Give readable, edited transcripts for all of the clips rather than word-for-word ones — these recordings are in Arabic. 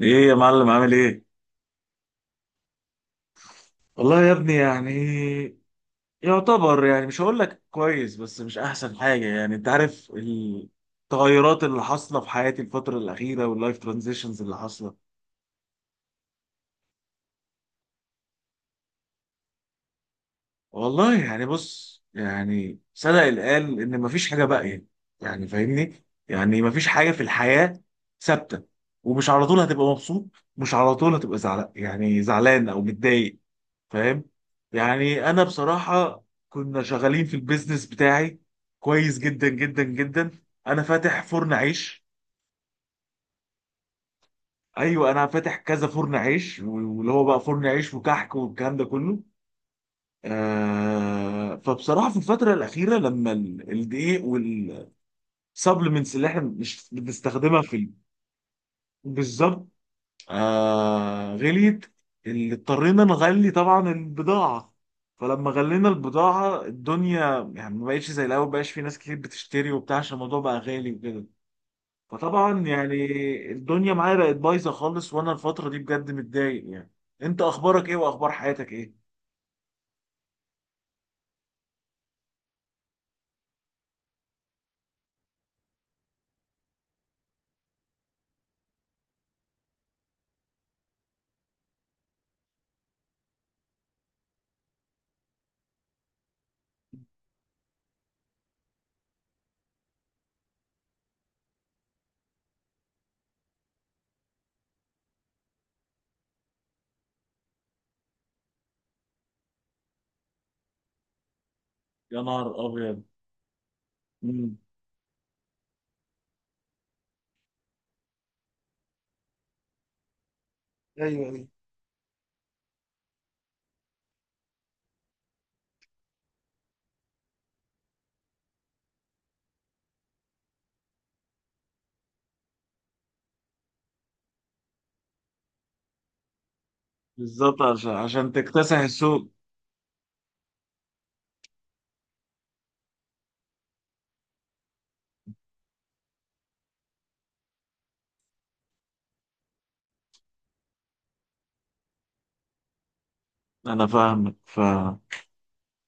ايه يا معلم، عامل ايه؟ والله يا ابني يعني يعتبر يعني، مش هقول لك كويس، بس مش احسن حاجه يعني، انت عارف التغيرات اللي حاصله في حياتي الفتره الاخيره واللايف ترانزيشنز اللي حاصله. والله يعني بص، يعني صدق اللي قال ان مفيش حاجه باقيه يعني. يعني فاهمني، يعني مفيش حاجه في الحياه ثابته. ومش على طول هتبقى مبسوط، مش على طول هتبقى زعلان، يعني زعلان او متضايق. فاهم. يعني انا بصراحه كنا شغالين في البيزنس بتاعي كويس جدا جدا جدا. انا فاتح فرن عيش. ايوه، انا فاتح كذا فرن عيش، واللي هو بقى فرن عيش وكحك والكلام ده كله. آه فبصراحه في الفتره الاخيره لما الدقيق والسبلمنتس اللي احنا مش بنستخدمها في بالظبط. غليت، اللي اضطرينا نغلي طبعا البضاعة. فلما غلينا البضاعة، الدنيا يعني ما بقتش زي الأول، مبقاش في ناس كتير بتشتري وبتاع، عشان الموضوع بقى غالي وكده. فطبعا يعني الدنيا معايا بقت بايظة خالص، وأنا الفترة دي بجد متضايق يعني. أنت أخبارك إيه وأخبار حياتك إيه؟ يا نهار أبيض. مم. ايوه ايوه. بالظبط، عشان تكتسح السوق. أنا فاهمك، فاهم.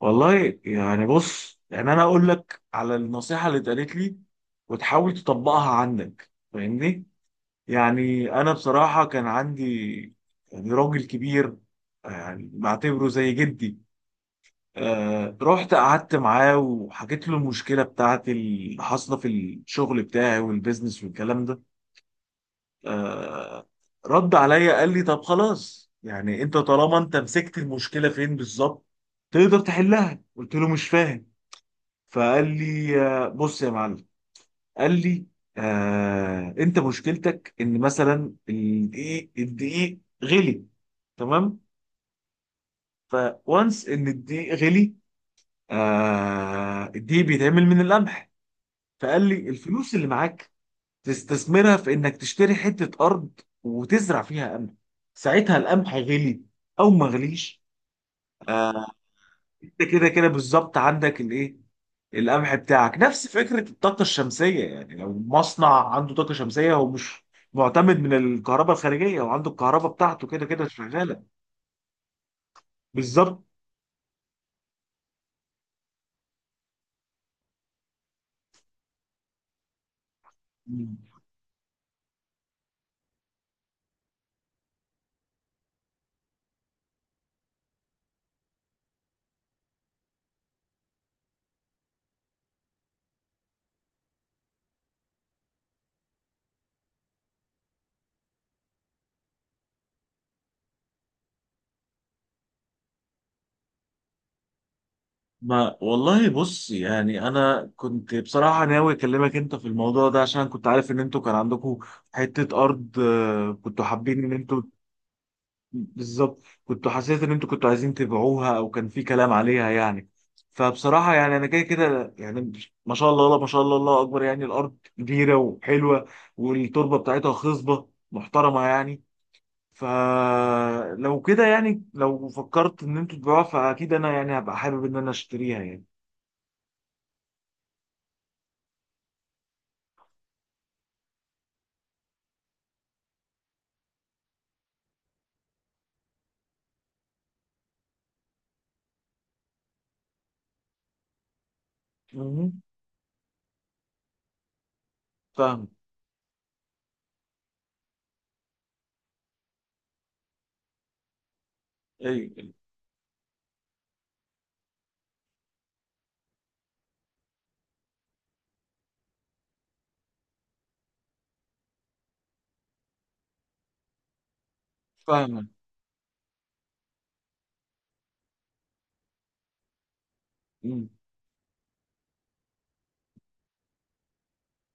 والله يعني بص، يعني انا اقول لك على النصيحه اللي اتقالت لي، وتحاول تطبقها عندك فاهمني. يعني انا بصراحه كان عندي يعني راجل كبير، يعني بعتبره زي جدي. رحت قعدت معاه وحكيت له المشكله بتاعتي اللي حاصله في الشغل بتاعي والبيزنس والكلام ده. آه رد عليا، قال لي طب خلاص يعني، انت طالما انت مسكت المشكله فين بالظبط، تقدر تحلها. قلت له مش فاهم. فقال لي بص يا معلم، قال لي انت مشكلتك ان مثلا الدقيق، غلي. تمام. فوانس ان الدقيق غلي، الدقيق بيتعمل من القمح. فقال لي الفلوس اللي معاك تستثمرها في انك تشتري حتة ارض وتزرع فيها قمح. ساعتها القمح غلي او ما غليش، آه انت كده كده بالظبط عندك الايه، القمح بتاعك. نفس فكرة الطاقة الشمسية يعني، لو مصنع عنده طاقة شمسية هو مش معتمد من الكهرباء الخارجية، وعنده الكهرباء بتاعته كده كده شغالة. بالظبط. ما والله بص، يعني انا كنت بصراحة ناوي اكلمك انت في الموضوع ده، عشان كنت عارف ان انتوا كان عندكم حتة ارض، كنتوا حابين ان انتوا. بالظبط كنتوا، حسيت ان انتوا كنتوا عايزين تبيعوها او كان في كلام عليها يعني. فبصراحة يعني انا كده كده يعني، ما شاء الله لا ما شاء الله، الله اكبر، يعني الارض كبيرة وحلوة، والتربة بتاعتها خصبة محترمة يعني. فلو كده يعني، لو فكرت ان انتوا تبيعوها، فاكيد انا يعني هبقى حابب ان انا اشتريها يعني. مهم. فاهم. ايوه، فاهم.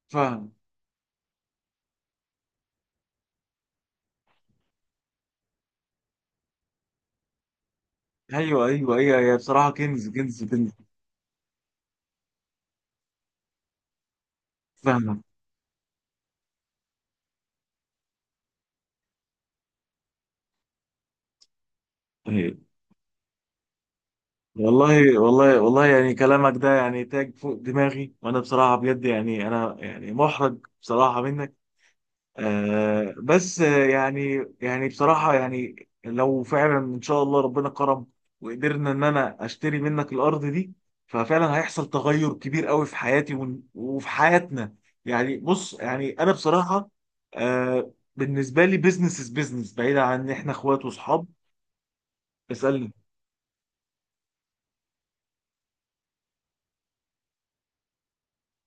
فاهم. ايوه ايوه ايوه، هي بصراحة كنز كنز كنز. فاهم. والله والله والله، يعني كلامك ده يعني تاج فوق دماغي، وانا بصراحه بجد يعني انا يعني محرج بصراحه منك. بس يعني يعني بصراحه يعني، لو فعلا ان شاء الله ربنا كرم، وقدرنا ان انا اشتري منك الارض دي، ففعلا هيحصل تغير كبير قوي في حياتي، وفي حياتنا يعني. بص يعني انا بصراحه، بالنسبه لي بيزنس از بيزنس، بعيدا عن ان احنا اخوات واصحاب. اسالني.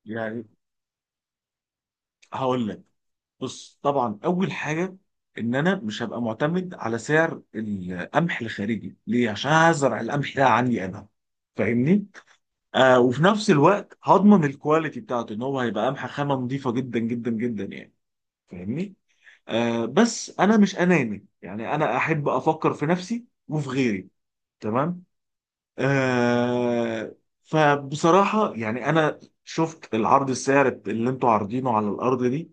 يعني هقول لك، بص طبعا اول حاجه، ان انا مش هبقى معتمد على سعر القمح الخارجي. ليه؟ عشان هزرع القمح ده عندي انا، فاهمني. وفي نفس الوقت هضمن الكواليتي بتاعته، ان هو هيبقى قمح خامه نظيفه جدا جدا جدا يعني. فاهمني. بس انا مش اناني يعني، انا احب افكر في نفسي وفي غيري. تمام. آه فبصراحه يعني انا شفت العرض، السعر اللي انتوا عارضينه على الارض دي،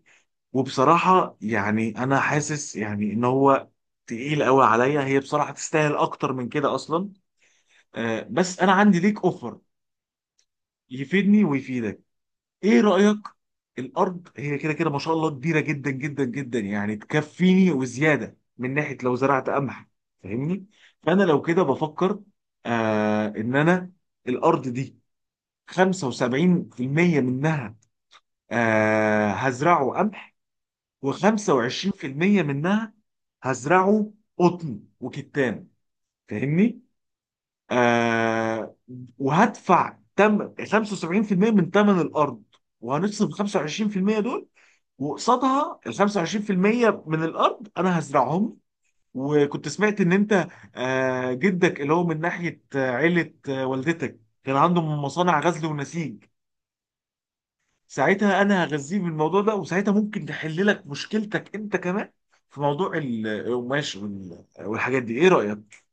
وبصراحة يعني أنا حاسس يعني إن هو تقيل قوي عليا. هي بصراحة تستاهل أكتر من كده أصلا. بس أنا عندي ليك أوفر، يفيدني ويفيدك. إيه رأيك؟ الأرض هي كده كده ما شاء الله كبيرة جدا جدا جدا يعني، تكفيني وزيادة، من ناحية لو زرعت قمح فاهمني. فأنا لو كده بفكر، إن أنا الأرض دي، 75% منها هزرعه قمح، و25% منها هزرعه قطن وكتان. فاهمني؟ آه وهدفع تم 75% من ثمن الارض، وهنصرف 25% دول، وقصادها ال 25% من الارض انا هزرعهم. وكنت سمعت ان انت جدك اللي هو من ناحيه عيله والدتك، كان عندهم مصانع غزل ونسيج. ساعتها انا هغذيه بالموضوع ده، وساعتها ممكن تحل لك مشكلتك انت كمان في موضوع القماش والحاجات دي. ايه رأيك؟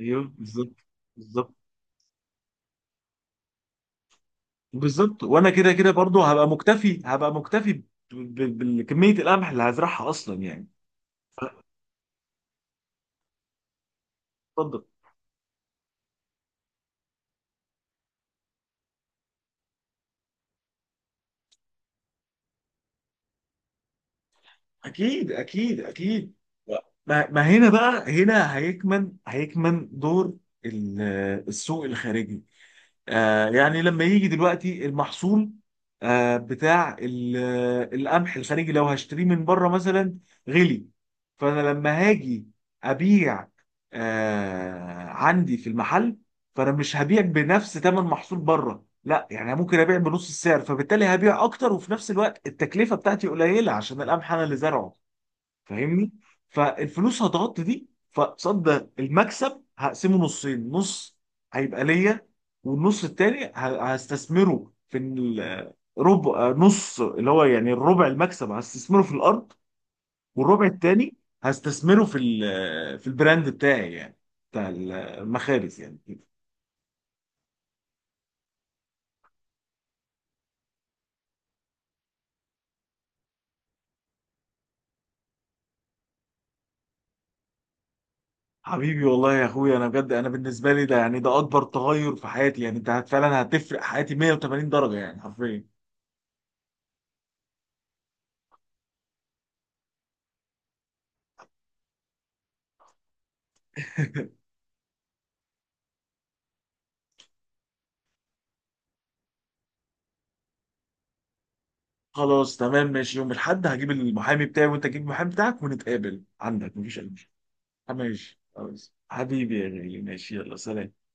ايوه بالظبط، بالظبط بالظبط، وانا كده كده برضو هبقى مكتفي، هبقى مكتفي بكمية القمح اللي هزرعها اصلا يعني. اتفضل. اكيد اكيد اكيد، ما, ما هنا بقى، هنا هيكمن دور ال- السوق الخارجي. يعني لما يجي دلوقتي المحصول بتاع القمح الخارجي، لو هشتريه من بره مثلا غلي، فانا لما هاجي ابيع عندي في المحل، فانا مش هبيع بنفس ثمن محصول بره، لا يعني ممكن ابيع بنص السعر، فبالتالي هبيع اكتر، وفي نفس الوقت التكلفه بتاعتي قليله عشان القمح انا اللي زرعه، فاهمني. فالفلوس هتغطي دي، فقصاد ده المكسب هقسمه نصين. نص هيبقى ليا، والنص التاني هستثمره في ربع نص، اللي هو يعني الربع المكسب هستثمره في الارض، والربع التاني هستثمره في في البراند بتاعي يعني، بتاع المخابز يعني كده. حبيبي والله يا اخويا، انا بجد انا بالنسبه لي ده يعني ده اكبر تغير في حياتي يعني، انت فعلا هتفرق حياتي 180 درجه يعني حرفيا. خلاص تمام ماشي، يوم الاحد هجيب المحامي بتاعي وانت تجيب المحامي بتاعك ونتقابل عندك، مفيش أي مشكلة. ماشي خلاص حبيبي يا غالي، ماشي، يلا سلام.